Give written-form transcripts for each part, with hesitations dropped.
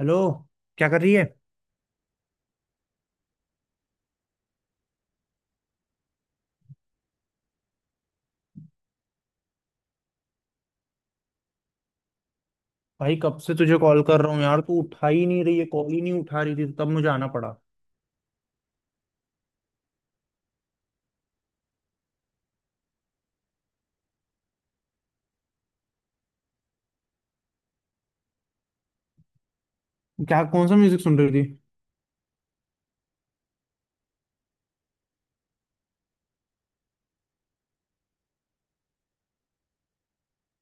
Hello. क्या कर रही है? भाई कब से तुझे कॉल कर रहा हूँ यार, तू उठा ही नहीं रही है, कॉल ही नहीं उठा रही थी तो तब मुझे आना पड़ा। क्या, कौन सा म्यूजिक सुन रही थी?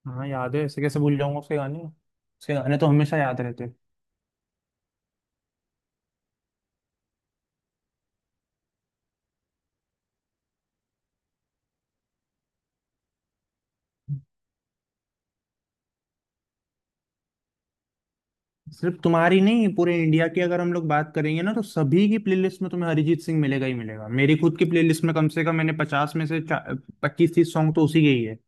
हाँ याद है, ऐसे कैसे भूल जाऊंगा? उसके गाने, उसके गाने तो हमेशा याद रहते हैं। सिर्फ तुम्हारी नहीं, पूरे इंडिया की अगर हम लोग बात करेंगे ना, तो सभी की प्लेलिस्ट में तुम्हें अरिजीत सिंह मिलेगा ही मिलेगा। मेरी खुद की प्लेलिस्ट में कम से कम मैंने 50 में से 25 30 सॉन्ग तो उसी के ही है।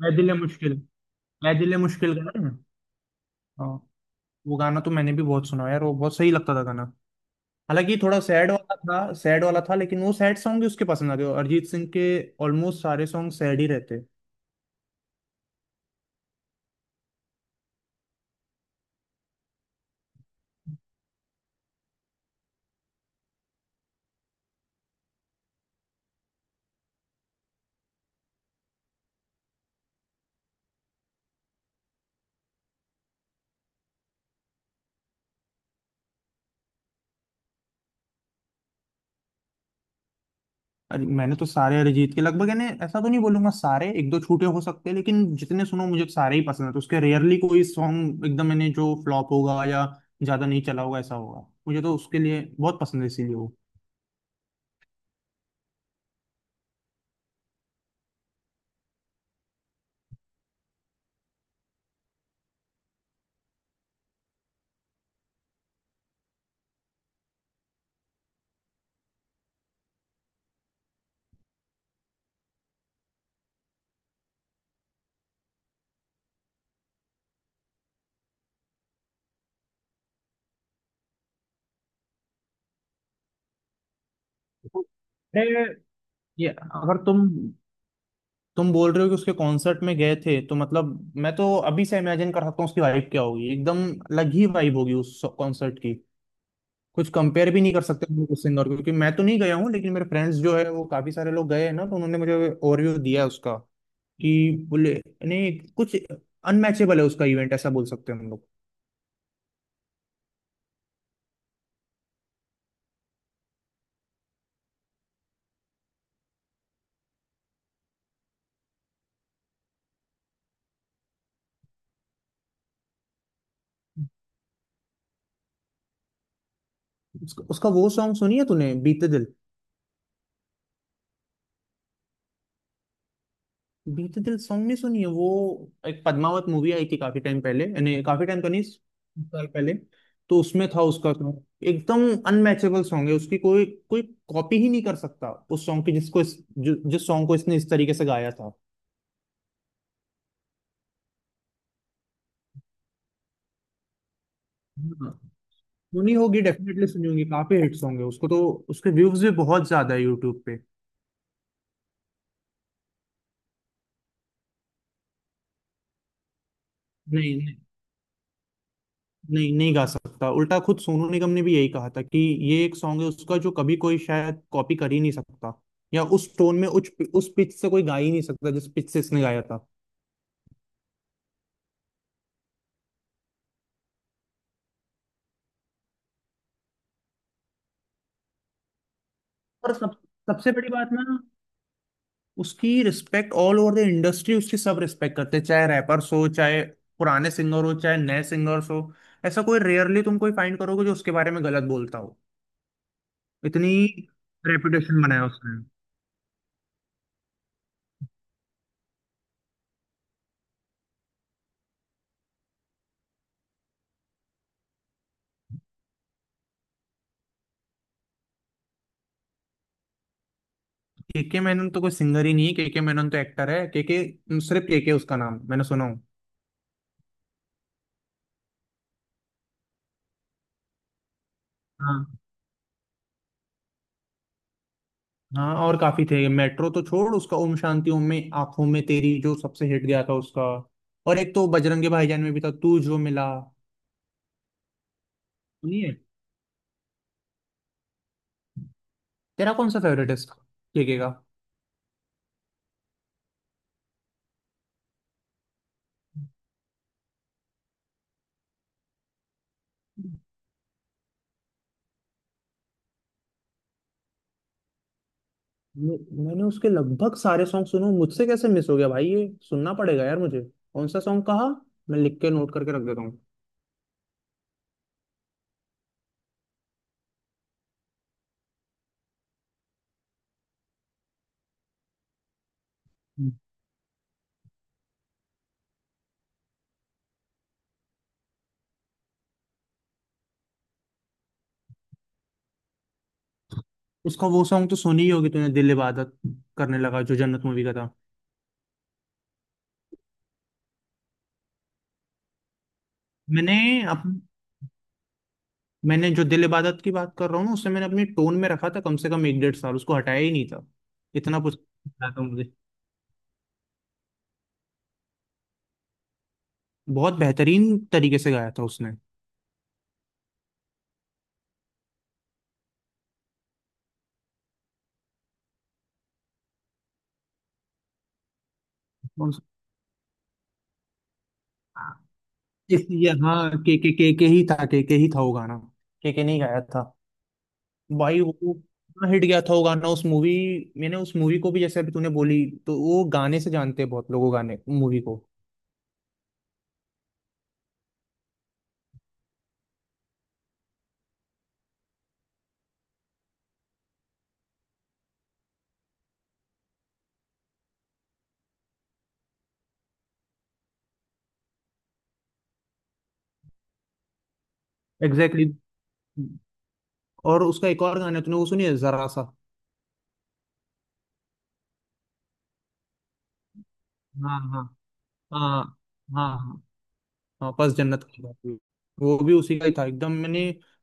मैं दिल है मुश्किल। मैं दिल है मुश्किल का ना? हाँ। वो गाना तो मैंने भी बहुत सुना यार, वो बहुत सही लगता था गाना। हालांकि ये थोड़ा सैड वाला था, सैड वाला था, लेकिन वो सैड सॉन्ग भी उसके पसंद आ गए अरिजीत सिंह के। ऑलमोस्ट सारे सॉन्ग सैड ही रहते। अरे मैंने तो सारे अरिजीत के लगभग, यानी ऐसा तो नहीं बोलूंगा सारे, एक दो छूटे हो सकते हैं, लेकिन जितने सुनो मुझे तो सारे ही पसंद है। तो उसके रेयरली कोई सॉन्ग एकदम, मैंने जो फ्लॉप होगा या ज्यादा नहीं चला होगा ऐसा होगा। मुझे तो उसके लिए बहुत पसंद है, इसीलिए वो। अरे, ये अगर तुम बोल रहे हो कि उसके कॉन्सर्ट में गए थे, तो मतलब मैं तो अभी से इमेजिन कर सकता हूँ उसकी वाइब क्या होगी। एकदम अलग ही वाइब होगी उस कॉन्सर्ट की। कुछ कंपेयर भी नहीं कर सकते हम लोग उस इंदौर को, क्योंकि मैं तो नहीं गया हूँ, लेकिन मेरे फ्रेंड्स जो है वो काफी सारे लोग गए हैं ना, तो उन्होंने मुझे ओवरव्यू दिया है उसका कि बोले, नहीं कुछ अनमैचेबल है उसका इवेंट, ऐसा बोल सकते हैं हम लोग। उसका वो सॉन्ग सुनी है तूने, बीते दिल? बीते दिल सॉन्ग नहीं सुनी है वो? एक पद्मावत मूवी आई थी काफी टाइम पहले, यानी काफी टाइम तो नहीं, कुछ साल पहले। तो उसमें था उसका song। एकदम अनमैचेबल सॉन्ग है उसकी। कोई कोई कॉपी ही नहीं कर सकता उस सॉन्ग की जिस सॉन्ग को इसने इस तरीके से गाया था। सुनी होगी डेफिनेटली, सुनी होगी, काफी हिट्स होंगे उसको तो। उसके व्यूज भी बहुत ज्यादा है यूट्यूब पे। नहीं नहीं। नहीं नहीं गा सकता, उल्टा खुद सोनू निगम ने भी यही कहा था कि ये एक सॉन्ग है उसका जो कभी कोई शायद कॉपी कर ही नहीं सकता। या उस टोन में, उस पिच से कोई गा ही नहीं सकता जिस पिच से इसने गाया था। और सब सबसे बड़ी बात ना, उसकी respect all over the industry, उसकी सब रिस्पेक्ट करते हैं, चाहे रैपर्स हो, चाहे पुराने सिंगर हो, चाहे नए सिंगर्स हो। ऐसा कोई रेयरली तुम कोई फाइंड करोगे जो उसके बारे में गलत बोलता हो। इतनी रेपुटेशन बनाया उसने। केके मैनन तो कोई सिंगर ही नहीं है, केके मैनन तो एक्टर है। केके, सिर्फ केके उसका नाम मैंने सुना हूँ। हाँ हाँ, और काफी थे, मेट्रो तो छोड़, उसका ओम शांति ओम में आंखों में तेरी जो सबसे हिट गया था उसका। और एक तो बजरंगी भाईजान में भी था, तू जो मिला। सुनिए, तेरा कौन सा फेवरेट है इसका? केके का। मैं- मैंने उसके लगभग सारे सॉन्ग सुने, मुझसे कैसे मिस हो गया भाई? ये सुनना पड़ेगा यार मुझे। कौन सा सॉन्ग कहा, मैं लिख के नोट करके रख देता हूँ। उसका वो सॉन्ग तो सुनी ही होगी तूने, दिल इबादत करने लगा, जो जन्नत मूवी का था। मैंने अप, मैंने जो दिल इबादत की बात कर रहा हूँ ना, उसे मैंने अपनी टोन में रखा था, कम से कम एक डेढ़ साल उसको हटाया ही नहीं था। इतना कुछ गाया था तो मुझे, बहुत बेहतरीन तरीके से गाया था उसने। कौन सा? इसलिए हाँ, के, के ही था, के ही था वो गाना, के नहीं गाया था? भाई वो इतना हिट गया था वो गाना उस मूवी। मैंने उस मूवी को भी, जैसे अभी तूने बोली, तो वो गाने से जानते हैं बहुत लोग, वो गाने मूवी को। एग्जैक्टली, exactly, और उसका एक और गाना है, तूने वो सुनी है, जरा सा। हाँ हाँ हाँ, हाँ हाँ हाँ, बस जन्नत की बात हुई। वो भी उसी का ही था एकदम। मैंने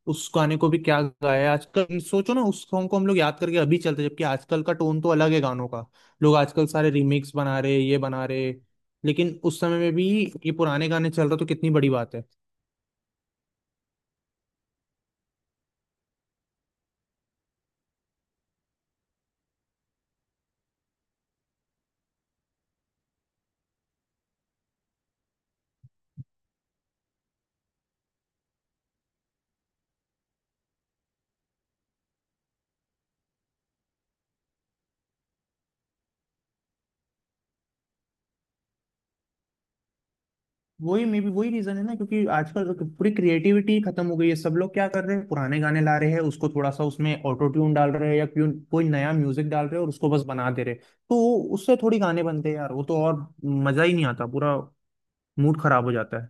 उस गाने को भी क्या गाया है। आजकल सोचो ना, उस सॉन्ग को हम लोग याद करके अभी चलते हैं, जबकि आजकल का टोन तो अलग है गानों का। लोग आजकल सारे रीमिक्स बना रहे, ये बना रहे, लेकिन उस समय में भी ये पुराने गाने चल रहे, तो कितनी बड़ी बात है। वही मे भी वही रीजन है ना, क्योंकि आजकल तो पूरी क्रिएटिविटी खत्म हो गई है, सब लोग क्या कर रहे हैं, पुराने गाने ला रहे हैं, उसको थोड़ा सा उसमें ऑटो ट्यून डाल रहे हैं या क्यों कोई नया म्यूजिक डाल रहे हैं और उसको बस बना दे रहे हैं। तो उससे थोड़ी गाने बनते हैं यार वो, तो और मजा ही नहीं आता, पूरा मूड खराब हो जाता है।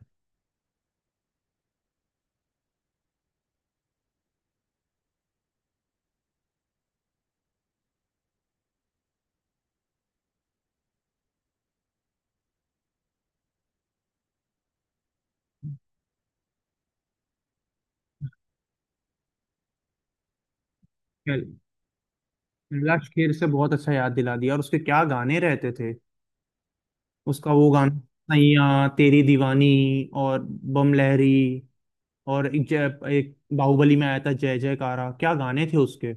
खैर, बिमला शेर से बहुत अच्छा याद दिला दिया, और उसके क्या गाने रहते थे। उसका वो गाना, सैया तेरी दीवानी, और बम लहरी, और एक जय, एक बाहुबली में आया था जय जयकारा, क्या गाने थे उसके।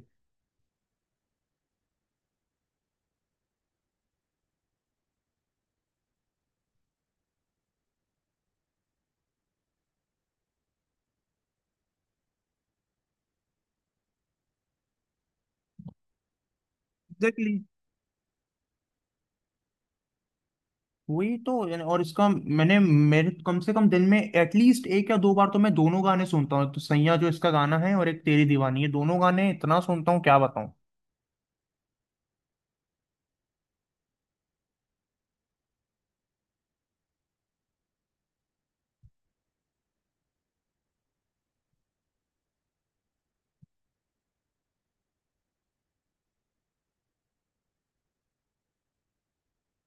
एग्जैक्टली, वही तो, यानी और इसका, मैंने मेरे कम से कम दिन में एटलीस्ट एक या दो बार तो मैं दोनों गाने सुनता हूँ, एक तो सैया जो इसका गाना है और एक तेरी दीवानी, ये दोनों गाने इतना सुनता हूँ क्या बताऊँ।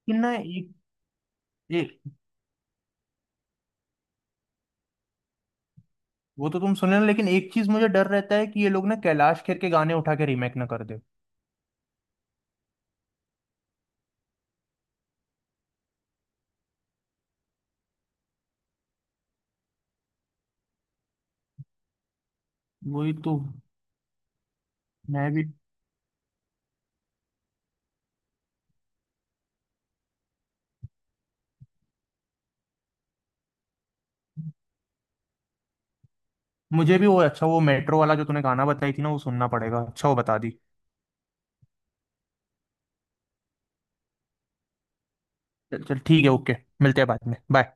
लेकिन ना एक वो तो तुम सुन लेना, लेकिन एक चीज मुझे डर रहता है कि ये लोग ना कैलाश खेर के गाने उठा के रीमेक ना कर दे। वही तो, मैं भी, मुझे भी वो अच्छा, वो मेट्रो वाला जो तूने गाना बताई थी ना, वो सुनना पड़ेगा, अच्छा वो बता दी। चल चल ठीक है, ओके। मिलते हैं बाद में, बाय।